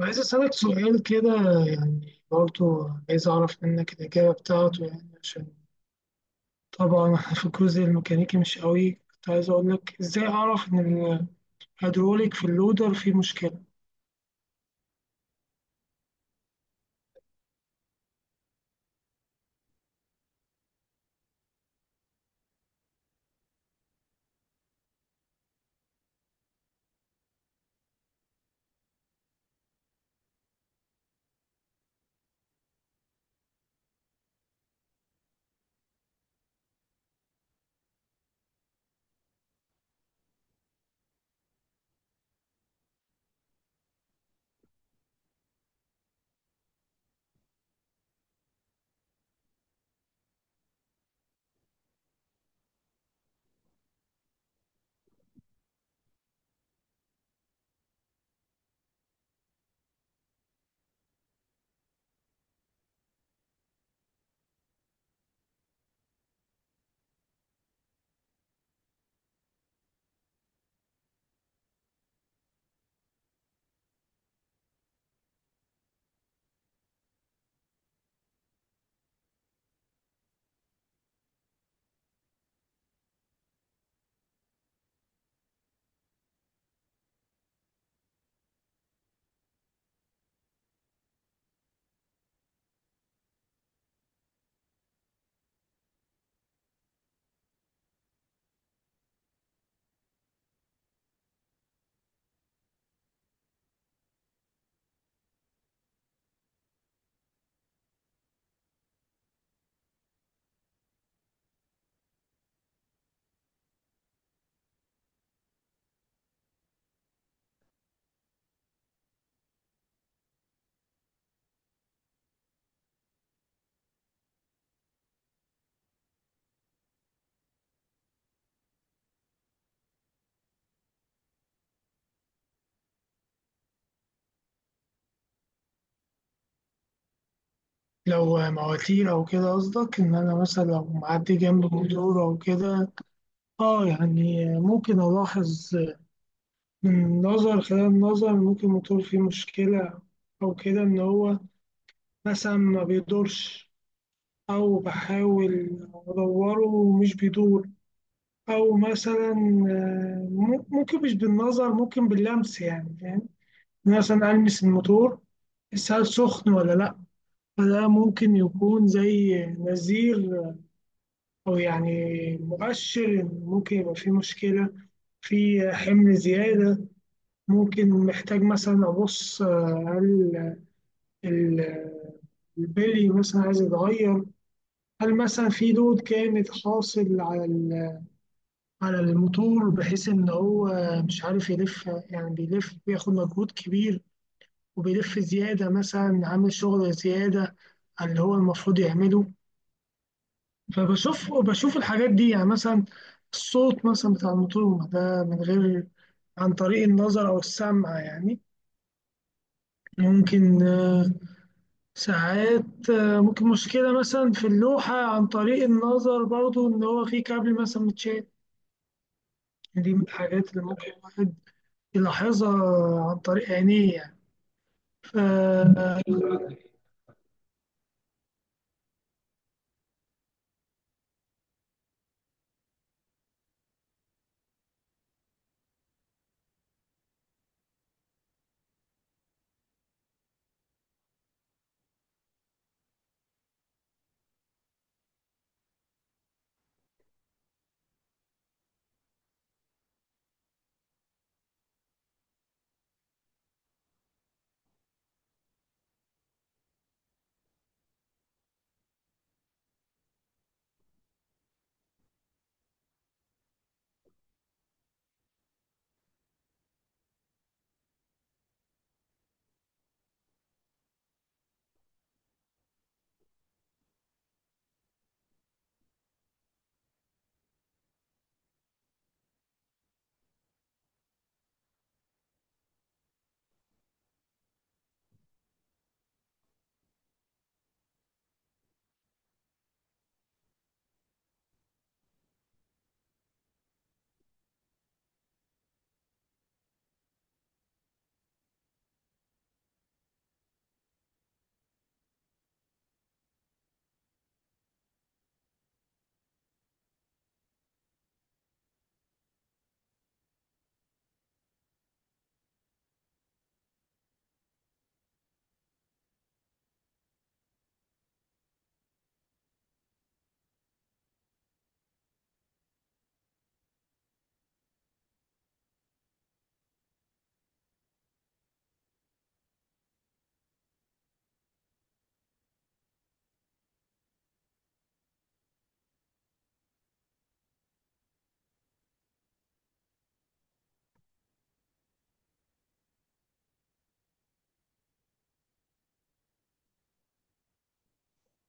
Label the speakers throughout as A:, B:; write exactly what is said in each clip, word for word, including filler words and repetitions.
A: عايز أسألك سؤال كده، يعني برضو عايز أعرف منك الإجابة بتاعته، يعني عشان طبعا إحنا في الجزء الميكانيكي مش قوي. كنت عايز أقول لك إزاي أعرف إن الهيدروليك في اللودر فيه مشكلة. لو مواتير أو كده قصدك إن أنا مثلا لو معدي جنب موتور أو كده، آه يعني ممكن ألاحظ من نظر، خلال النظر ممكن الموتور فيه مشكلة، أو كده إن هو مثلا ما بيدورش، أو بحاول أدوره ومش بيدور، أو مثلا آه، م- ممكن مش بالنظر، ممكن باللمس، يعني فاهم، مثلا ألمس الموتور بس هل سخن ولا لأ. فده ممكن يكون زي نذير أو يعني مؤشر إن ممكن يبقى في مشكلة، في حمل زيادة. ممكن محتاج مثلا أبص آه، هل ال- البلي مثلا عايز يتغير، هل مثلا في دود كانت حاصل على ال، على الموتور، بحيث إن هو مش عارف يلف، يعني بيلف بياخد مجهود كبير وبيلف زيادة، مثلا عامل شغل زيادة على اللي هو المفروض يعمله. فبشوف بشوف الحاجات دي، يعني مثلا الصوت مثلا بتاع الموتور ده، من غير، عن طريق النظر أو السمع يعني. ممكن آه، ساعات آه، ممكن مشكلة مثلا في اللوحة عن طريق النظر برضو إن هو في كابل مثلا متشال. دي من الحاجات اللي ممكن الواحد يلاحظها عن طريق عينيه يعني. ف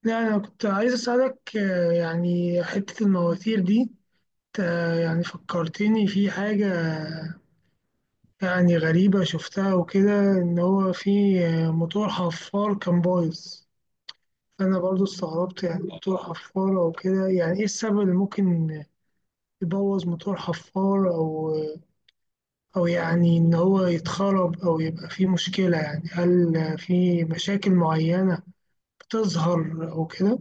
A: يعني أنا كنت عايز أسألك، آه، يعني حتة المواتير دي، انت يعني فكرتني في حاجة يعني غريبة شفتها وكده، إن هو في آه، موتور حفار كان بايظ. فأنا برضو استغربت، يعني موتور حفار أو كده، يعني إيه السبب اللي ممكن يبوظ موتور حفار، أو أو يعني إن هو يتخرب أو يبقى فيه مشكلة؟ يعني هل في مشاكل معينة بتظهر أو كده؟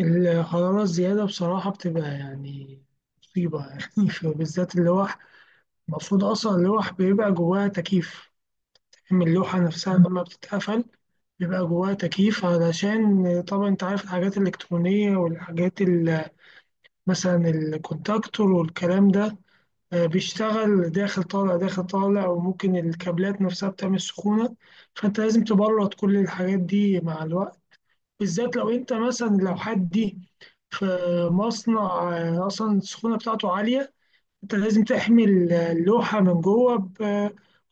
A: الحرارة الزيادة بصراحة بتبقى يعني مصيبة يعني بالذات اللوح. المفروض أصلا اللوح بيبقى جواها تكييف، من اللوحة نفسها لما بتتقفل بيبقى جواها تكييف، علشان طبعا أنت عارف الحاجات الإلكترونية والحاجات ال- مثلا الكونتاكتور والكلام ده، آه، بيشتغل داخل طالع داخل طالع، وممكن الكابلات نفسها بتعمل سخونة. فأنت لازم تبرد كل الحاجات دي مع الوقت، بالذات لو انت مثلا، لو حد دي في مصنع آه، اصلا السخونه بتاعته عاليه. انت لازم تحمي اللوحه من جوه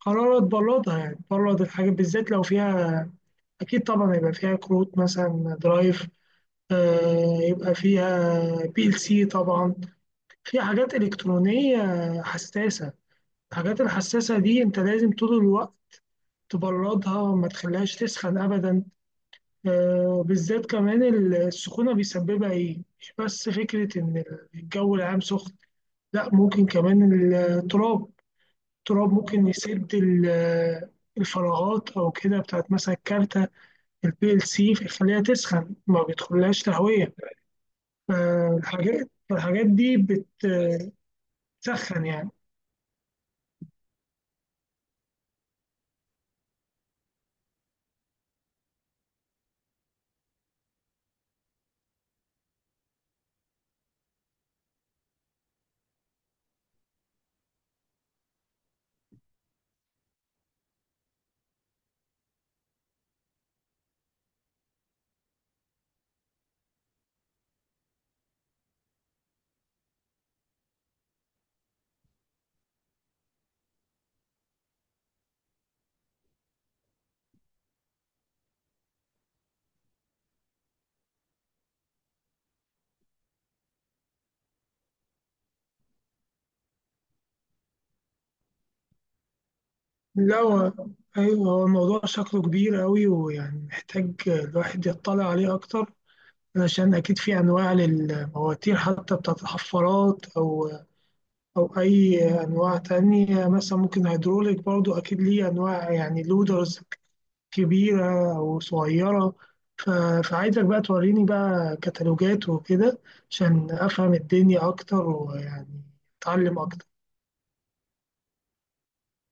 A: بحراره، تبردها، يعني تبرد الحاجات، بالذات لو فيها، اكيد طبعا يبقى فيها كروت مثلا درايف، آه، يبقى فيها بي ال سي طبعا، في حاجات الكترونيه حساسه. الحاجات الحساسه دي انت لازم طول الوقت تبردها، ما تخليهاش تسخن ابدا. آه، بالذات كمان السخونة بيسببها إيه؟ مش بس فكرة إن الجو العام سخن، لأ ممكن كمان التراب، التراب ممكن يسد ال- الفراغات أو كده بتاعت مثلا الكارتة البي ال سي، فيخليها تسخن، ما بيدخلهاش تهوية، فالحاجات الحاجات دي بتسخن يعني. لا هو، أيوه هو الموضوع شكله كبير أوي، ويعني محتاج الواحد يطلع عليه أكتر، علشان أكيد في أنواع للمواتير، حتى بتاعت الحفارات، أو أو أي أنواع تانية، مثلا ممكن هيدروليك برضو أكيد ليه أنواع، يعني لودرز كبيرة أو صغيرة. ف- فعايزك بقى توريني بقى كتالوجات وكده، عشان أفهم الدنيا أكتر، ويعني أتعلم أكتر.